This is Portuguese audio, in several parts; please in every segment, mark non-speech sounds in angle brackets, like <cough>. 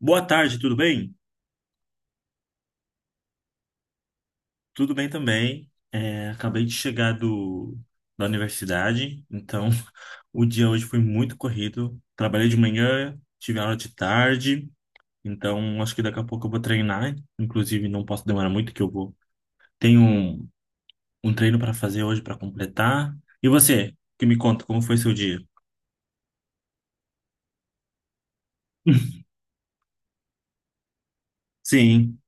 Boa tarde, tudo bem? Tudo bem também. Acabei de chegar da universidade, então <laughs> o dia hoje foi muito corrido. Trabalhei de manhã, tive aula de tarde, então acho que daqui a pouco eu vou treinar. Inclusive, não posso demorar muito que eu vou. Tenho um treino para fazer hoje para completar. E você, que me conta como foi seu dia? <laughs> Sim.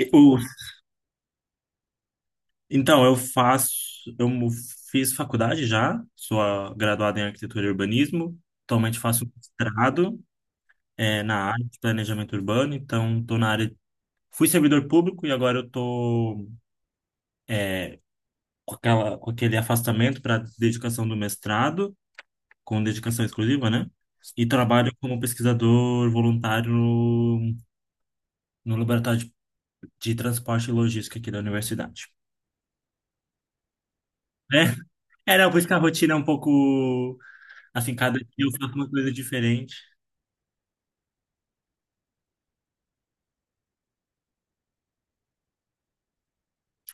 E O, Então, eu faço, eu mu- fiz faculdade já, sou graduada em arquitetura e urbanismo. Atualmente faço um mestrado, na área de planejamento urbano, então estou na área. Fui servidor público e agora eu estou com aquele afastamento para dedicação do mestrado, com dedicação exclusiva, né? E trabalho como pesquisador voluntário no laboratório de transporte e logística aqui da universidade. É, <laughs> não, por isso que a rotina é um pouco assim, cada dia eu faço uma coisa diferente.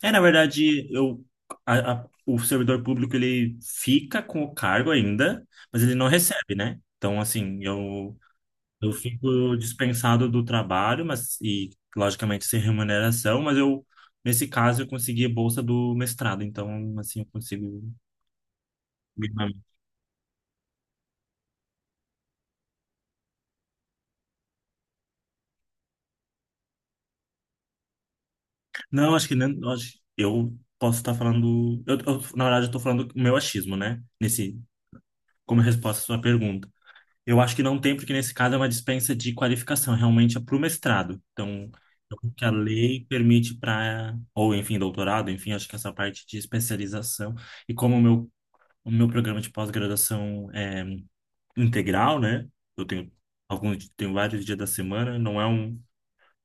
É, na verdade, o servidor público ele fica com o cargo ainda, mas ele não recebe, né? Então, assim, eu fico dispensado do trabalho, mas e logicamente sem remuneração, mas eu nesse caso eu consegui a bolsa do mestrado, então assim eu consigo. Não, acho que nem, acho, eu posso estar falando, na verdade eu estou falando o meu achismo, né? Nesse como resposta à sua pergunta. Eu acho que não tem, porque nesse caso é uma dispensa de qualificação, realmente é para o mestrado. Então, é o que a lei permite para, ou enfim, doutorado, enfim, acho que essa parte de especialização. E como o meu programa de pós-graduação é integral, né? Eu tenho alguns, tenho vários dias da semana, não é um,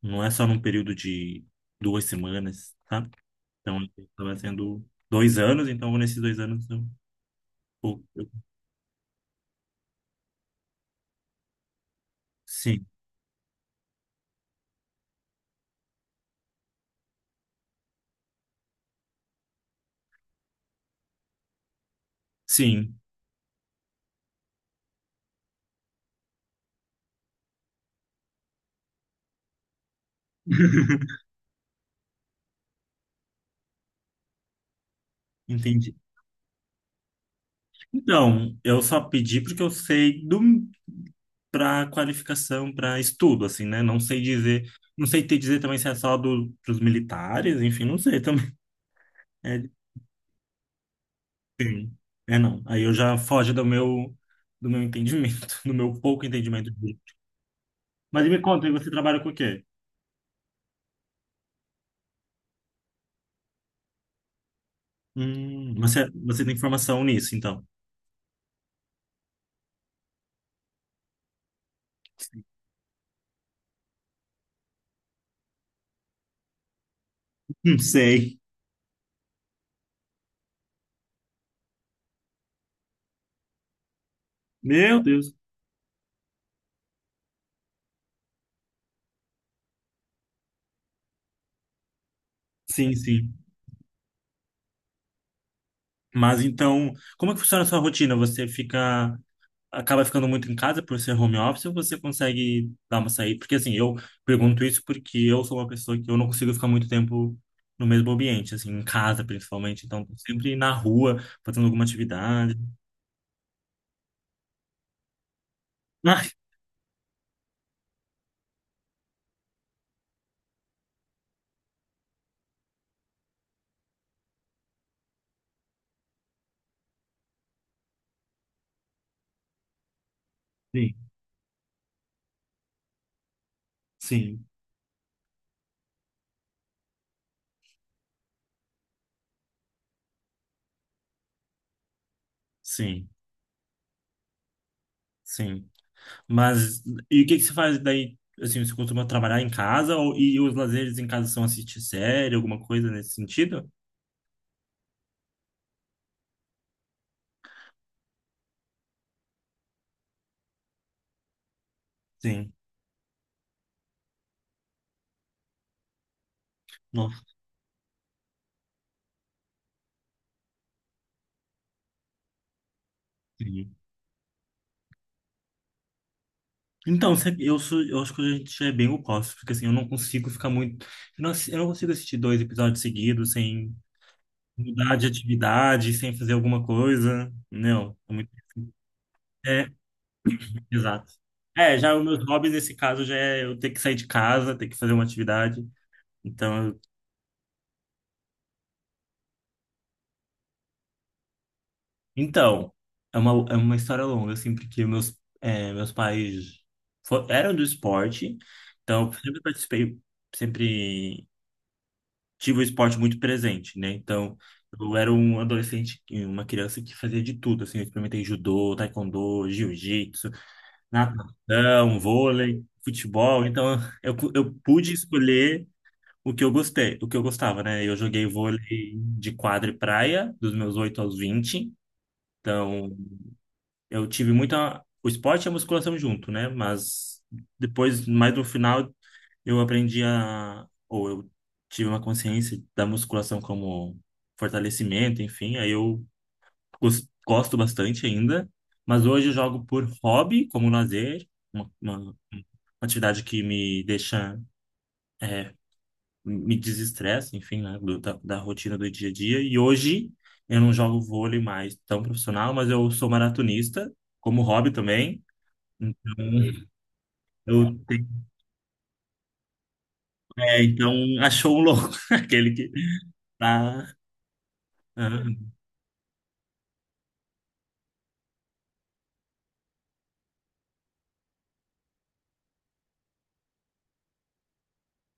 não é só num período de 2 semanas, tá? Então, estava sendo 2 anos, então nesses 2 anos eu, eu- sim, sim, <laughs> entendi. Não, eu só pedi porque eu sei do para qualificação, para estudo, assim, né? Não sei dizer, não sei te dizer também se é só do, pros militares, enfim, não sei também. <laughs> É, sim. É não. Aí eu já foge do meu entendimento, <laughs> do meu pouco entendimento. Mas me conta, e você trabalha com o quê? Você tem formação nisso, então? Não sei. Meu Deus. Sim, sim. Mas então, como é que funciona a sua rotina? Você fica acaba ficando muito em casa por ser home office ou você consegue dar uma saída? Porque assim, eu pergunto isso porque eu sou uma pessoa que eu não consigo ficar muito tempo no mesmo ambiente, assim, em casa principalmente. Então, tô sempre na rua, fazendo alguma atividade. Ah, sim, sim, sim, sim. Mas, e o que que você faz daí? Assim, você costuma trabalhar em casa ou, e os lazeres em casa são assistir série, alguma coisa nesse sentido? Sim. Nossa, então, eu acho que a gente já é bem oposto, porque assim, eu não consigo ficar muito, eu não consigo assistir dois episódios seguidos sem mudar de atividade, sem fazer alguma coisa, não, é muito, é, exato. É, já os meus hobbies nesse caso já é eu ter que sair de casa, ter que fazer uma atividade, então, então, é uma história longa, assim, porque meus pais eram do esporte, então eu sempre participei, sempre tive o esporte muito presente, né? Então, eu era um adolescente, uma criança que fazia de tudo, assim, eu experimentei judô, taekwondo, jiu-jitsu, natação, vôlei, futebol, então eu pude escolher o que eu gostei, o que eu gostava, né? Eu joguei vôlei de quadra e praia, dos meus 8 aos 20. Então eu tive muita, o esporte e a musculação junto, né? Mas depois, mais no final, eu aprendi a, ou eu tive uma consciência da musculação como fortalecimento, enfim, aí eu gosto bastante ainda, mas hoje eu jogo por hobby, como lazer, uma atividade que me deixa, é, me desestressa, enfim, né, da rotina do dia a dia, e hoje eu não jogo vôlei mais tão profissional, mas eu sou maratonista, como hobby também, então eu tenho, então <laughs> achou um louco, <laughs> aquele que tá.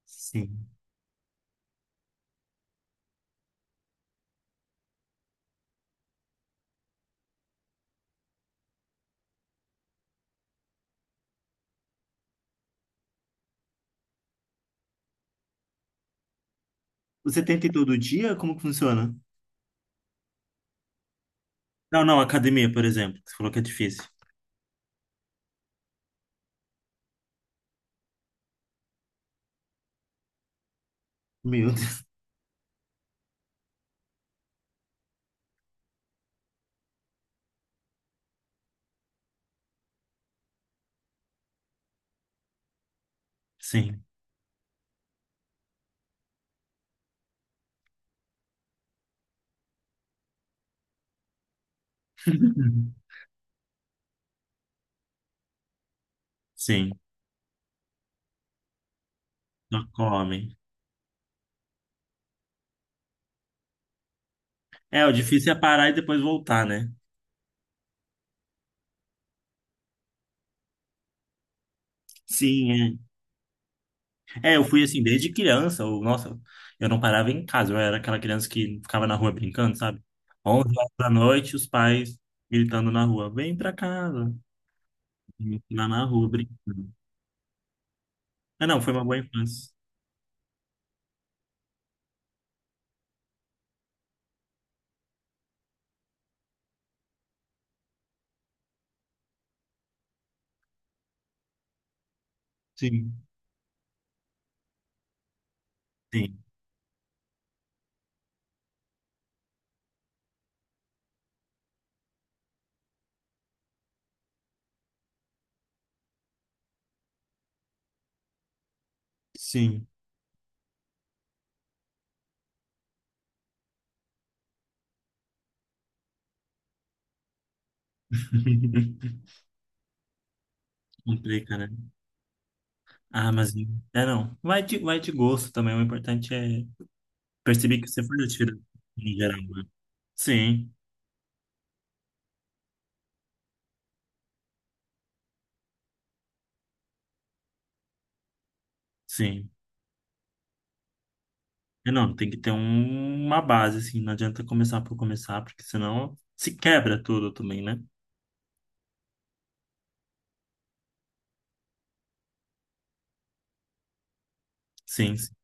Sim. Você tenta ir todo dia? Como que funciona? Não, não, academia, por exemplo, que você falou que é difícil. Meu Deus. Sim, <laughs> sim, não come. É, o difícil é parar e depois voltar, né? Sim, é. É, eu fui assim desde criança. Nossa, eu não parava em casa. Eu era aquela criança que ficava na rua brincando, sabe? 11 horas da noite, os pais gritando na rua: vem pra casa. E eu lá na rua brincando. Ah, não, foi uma boa infância. Sim, sim, sim. <laughs> Complica, né? Ah, mas é não. Vai de gosto também. O importante é perceber que você faz a tiro em geral, né? Sim, sim. É não, tem que ter uma base, assim. Não adianta começar por começar, porque senão se quebra tudo também, né? Sim, sim.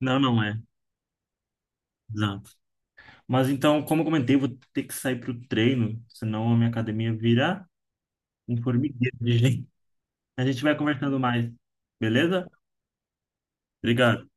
Não, não é. Exato. Mas então, como eu comentei, eu vou ter que sair pro treino, senão a minha academia vira um formigueiro de gente. A gente vai conversando mais, beleza? Obrigado.